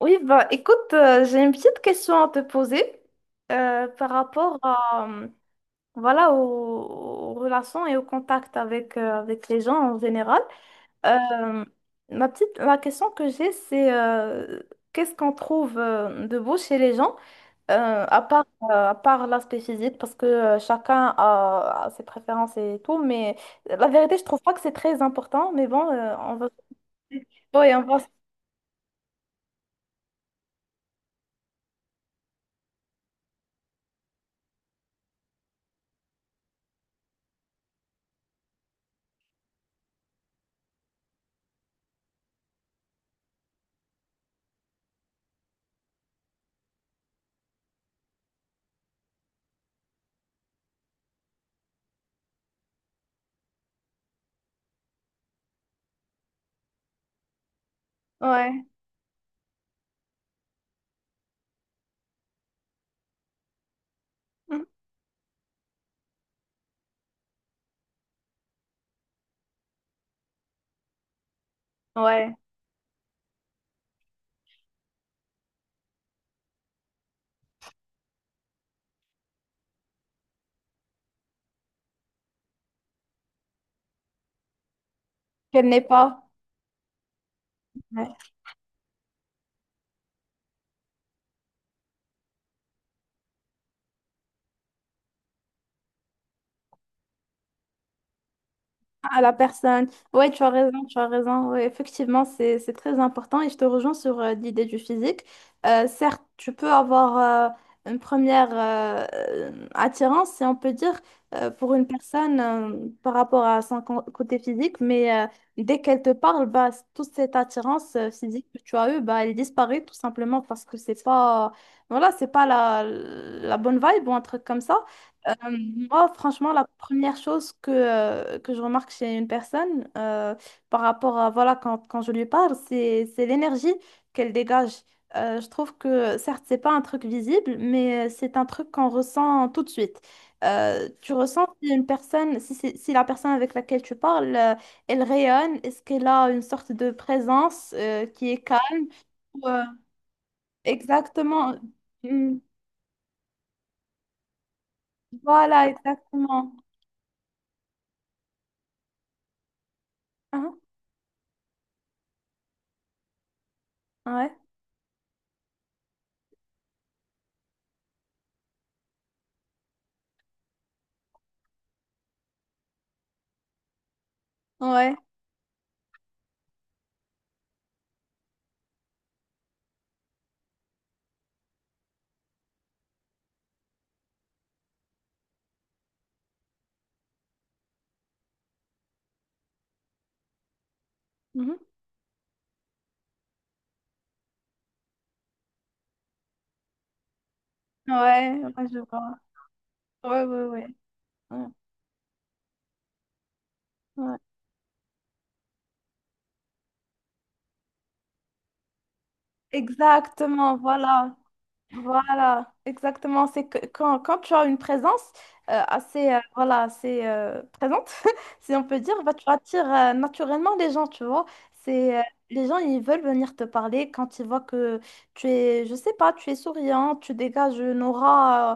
Oui, bah écoute, j'ai une petite question à te poser par rapport à, voilà, aux relations et au contact avec les gens en général. Euh, la question que j'ai, c'est qu'est-ce qu'on trouve de beau chez les gens, à part, à part l'aspect physique, parce que chacun a ses préférences et tout, mais la vérité, je trouve pas que c'est très important, mais bon, on va. Oui, on va. Ouais. Mhm. Ouais. Qu'elle n'est pas. Ouais. À la personne. Ouais, tu as raison, tu as raison. Ouais, effectivement, c'est très important et je te rejoins sur l'idée du physique. Certes, tu peux avoir une première attirance, si on peut dire, pour une personne par rapport à son côté physique, mais dès qu'elle te parle, bah, toute cette attirance physique que tu as eue, bah, elle disparaît tout simplement parce que c'est pas, voilà, c'est pas la bonne vibe ou un truc comme ça. Euh, Moi, franchement, la première chose que je remarque chez une personne par rapport à, voilà, quand je lui parle, c'est l'énergie qu'elle dégage. Je trouve que, certes, c'est pas un truc visible, mais c'est un truc qu'on ressent tout de suite. Tu ressens si une personne, si, c'est- si la personne avec laquelle tu parles, elle rayonne, est-ce qu'elle a une sorte de présence qui est calme? euh, exactement. Mm. Voilà, exactement. Hein. Ouais. Ouais. Mhm. Ouais, ouais, je vois. Ouais, ouais, ouais. Ouais, ouais. Exactement, voilà. Voilà, exactement. C'est que quand tu as une présence assez, voilà, assez présente, si on peut dire, bah, tu attires naturellement les gens, tu vois. C'est, euh, les gens, ils veulent venir te parler quand ils voient que tu es, je sais pas, tu es souriant, tu dégages une aura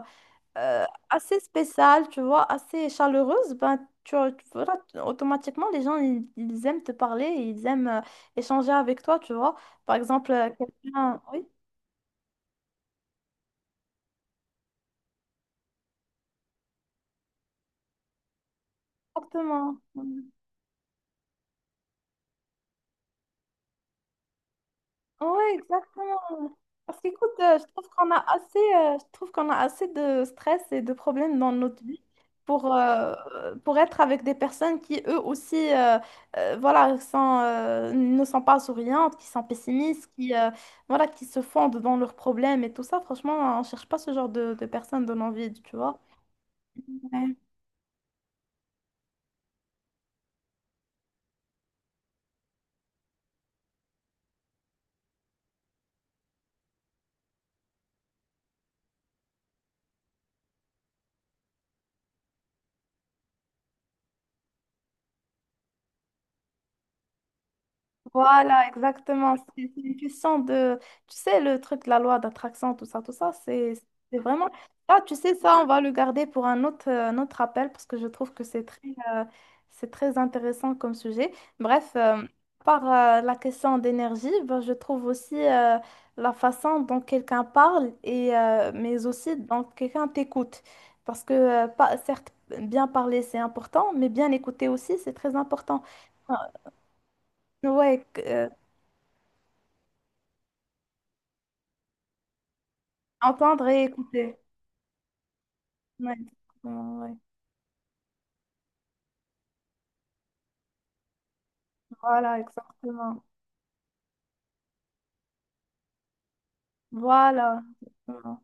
euh, assez spéciale, tu vois, assez chaleureuse, ben, voilà, automatiquement, les gens, ils aiment te parler, ils aiment échanger avec toi, tu vois. Par exemple, quelqu'un. Oui, exactement. Ouais, exactement. Parce qu'écoute, je trouve qu'on a assez de stress et de problèmes dans notre vie pour, euh, pour être avec des personnes qui, eux aussi, voilà, ne sont pas souriantes, qui sont pessimistes, voilà, qui se fondent dans leurs problèmes et tout ça. Franchement, on cherche pas ce genre de personnes dans nos vies, tu vois. Ouais. Voilà, exactement. C'est une question de, tu sais, le truc de la loi d'attraction, tout ça, c'est vraiment. Ah, tu sais, ça, on va le garder pour un autre appel parce que je trouve que euh, c'est très intéressant comme sujet. Bref, par la question d'énergie, ben, je trouve aussi la façon dont quelqu'un parle, et, mais aussi dont quelqu'un t'écoute. Parce que, pas, certes, bien parler, c'est important, mais bien écouter aussi, c'est très important. Ah. Ouais. Entendre et écouter. Ouais, exactement, ouais. Voilà, exactement. Voilà. Exactement.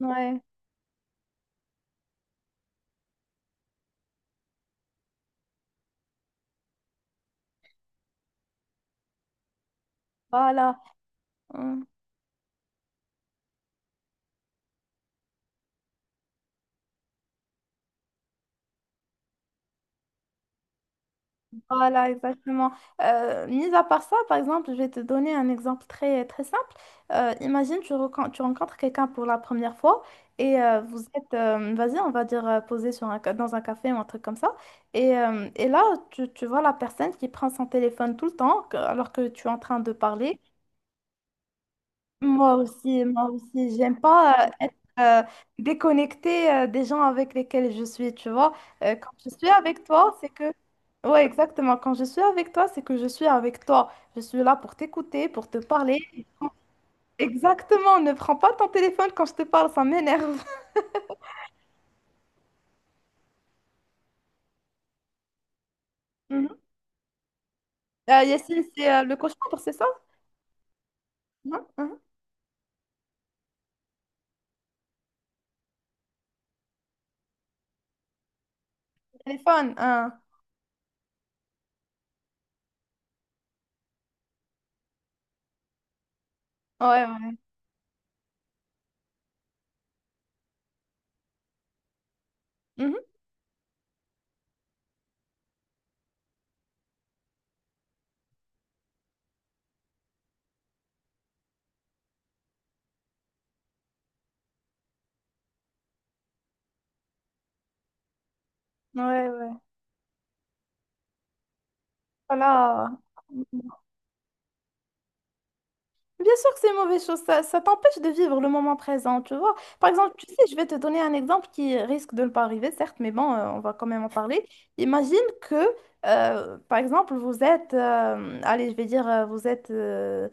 Ouais, voilà. Hum. Voilà, exactement. Mis à part ça, par exemple, je vais te donner un exemple très, très simple. Imagine, tu rencontres quelqu'un pour la première fois et vous êtes, vas-y, on va dire, posé sur dans un café ou un truc comme ça. Et là, tu vois la personne qui prend son téléphone tout le temps alors que tu es en train de parler. Moi aussi, j'aime pas être déconnectée des gens avec lesquels je suis, tu vois. Quand je suis avec toi, c'est que. Ouais, exactement. Quand je suis avec toi, c'est que je suis avec toi. Je suis là pour t'écouter, pour te parler. Exactement, ne prends pas ton téléphone quand je te parle, ça m'énerve. Mhm. Yacine, c'est le cauchemar, c'est ça? Non? Mhm. Téléphone, hein. Ouais, ouais. Mhm. Ouais, ouais. Voilà. Bien sûr que c'est une mauvaise chose, ça t'empêche de vivre le moment présent, tu vois. Par exemple, tu sais, je vais te donner un exemple qui risque de ne pas arriver, certes, mais bon, on va quand même en parler. Imagine que, par exemple, vous êtes, allez, je vais dire, vous êtes euh,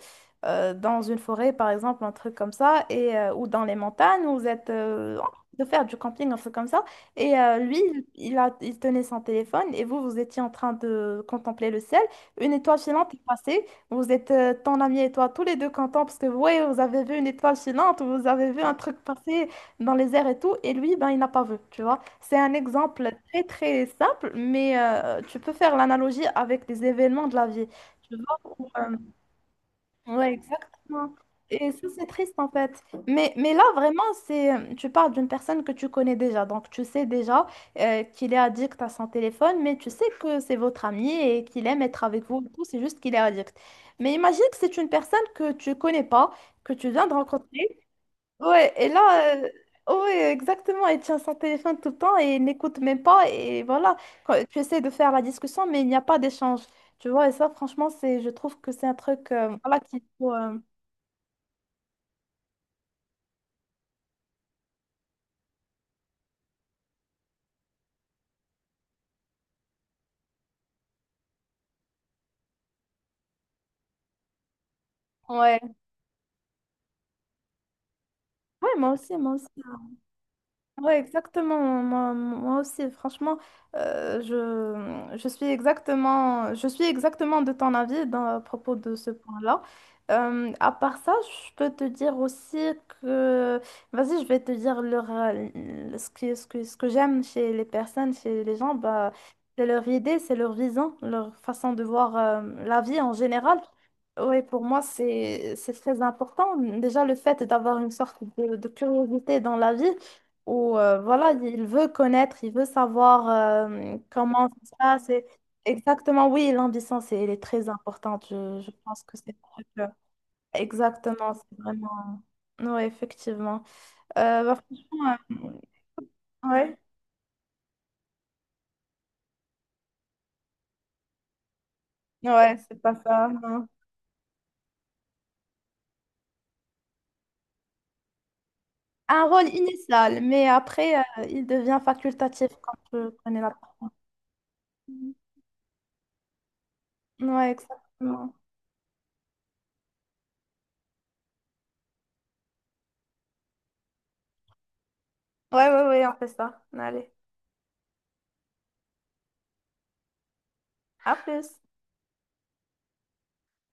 euh, dans une forêt, par exemple, un truc comme ça, et, ou dans les montagnes, vous êtes en train de faire du camping, un truc comme ça, et lui, il, il tenait son téléphone, et vous, vous étiez en train de contempler le ciel, une étoile filante est passée. Vous êtes ton ami et toi, tous les deux contents parce que ouais, vous avez vu une étoile filante, vous avez vu un truc passer dans les airs et tout, et lui, ben, il n'a pas vu, tu vois. C'est un exemple très très simple, mais tu peux faire l'analogie avec des événements de la vie. Tu vois. Ouais, exactement. Et ça, c'est triste en fait. Mais là, vraiment, tu parles d'une personne que tu connais déjà. Donc, tu sais déjà qu'il est addict à son téléphone, mais tu sais que c'est votre ami et qu'il aime être avec vous et tout. C'est juste qu'il est addict. Mais imagine que c'est une personne que tu connais pas, que tu viens de rencontrer. Ouais, et là, ouais, exactement, il tient son téléphone tout le temps et il n'écoute même pas. Et voilà, quand tu essaies de faire la discussion, mais il n'y a pas d'échange. Tu vois, et ça, franchement, je trouve que c'est un truc, voilà, qui faut. Ouais, ouais, moi aussi, moi aussi. Ouais, exactement. Moi, moi aussi, franchement, je suis exactement de ton avis à propos de ce point-là. À part ça, je peux te dire aussi que, vas-y, je vais te dire ce que j'aime chez les personnes, chez les gens, bah, c'est leur idée, c'est leur vision, leur façon de voir, la vie en général. Oui, pour moi, c'est très important. Déjà, le fait d'avoir une sorte de curiosité dans la vie où voilà, il veut connaître, il veut savoir comment ça se passe. Exactement, oui, l'ambition, elle est très importante. Je pense que c'est le truc, exactement, c'est vraiment. Oui, effectivement. Bah, franchement, ouais, ouais, c'est pas ça. Non. Un rôle initial, mais après, il devient facultatif quand tu connais la personne. Ouais, exactement. Ouais, ouais, ouais, on fait ça. Allez, à plus.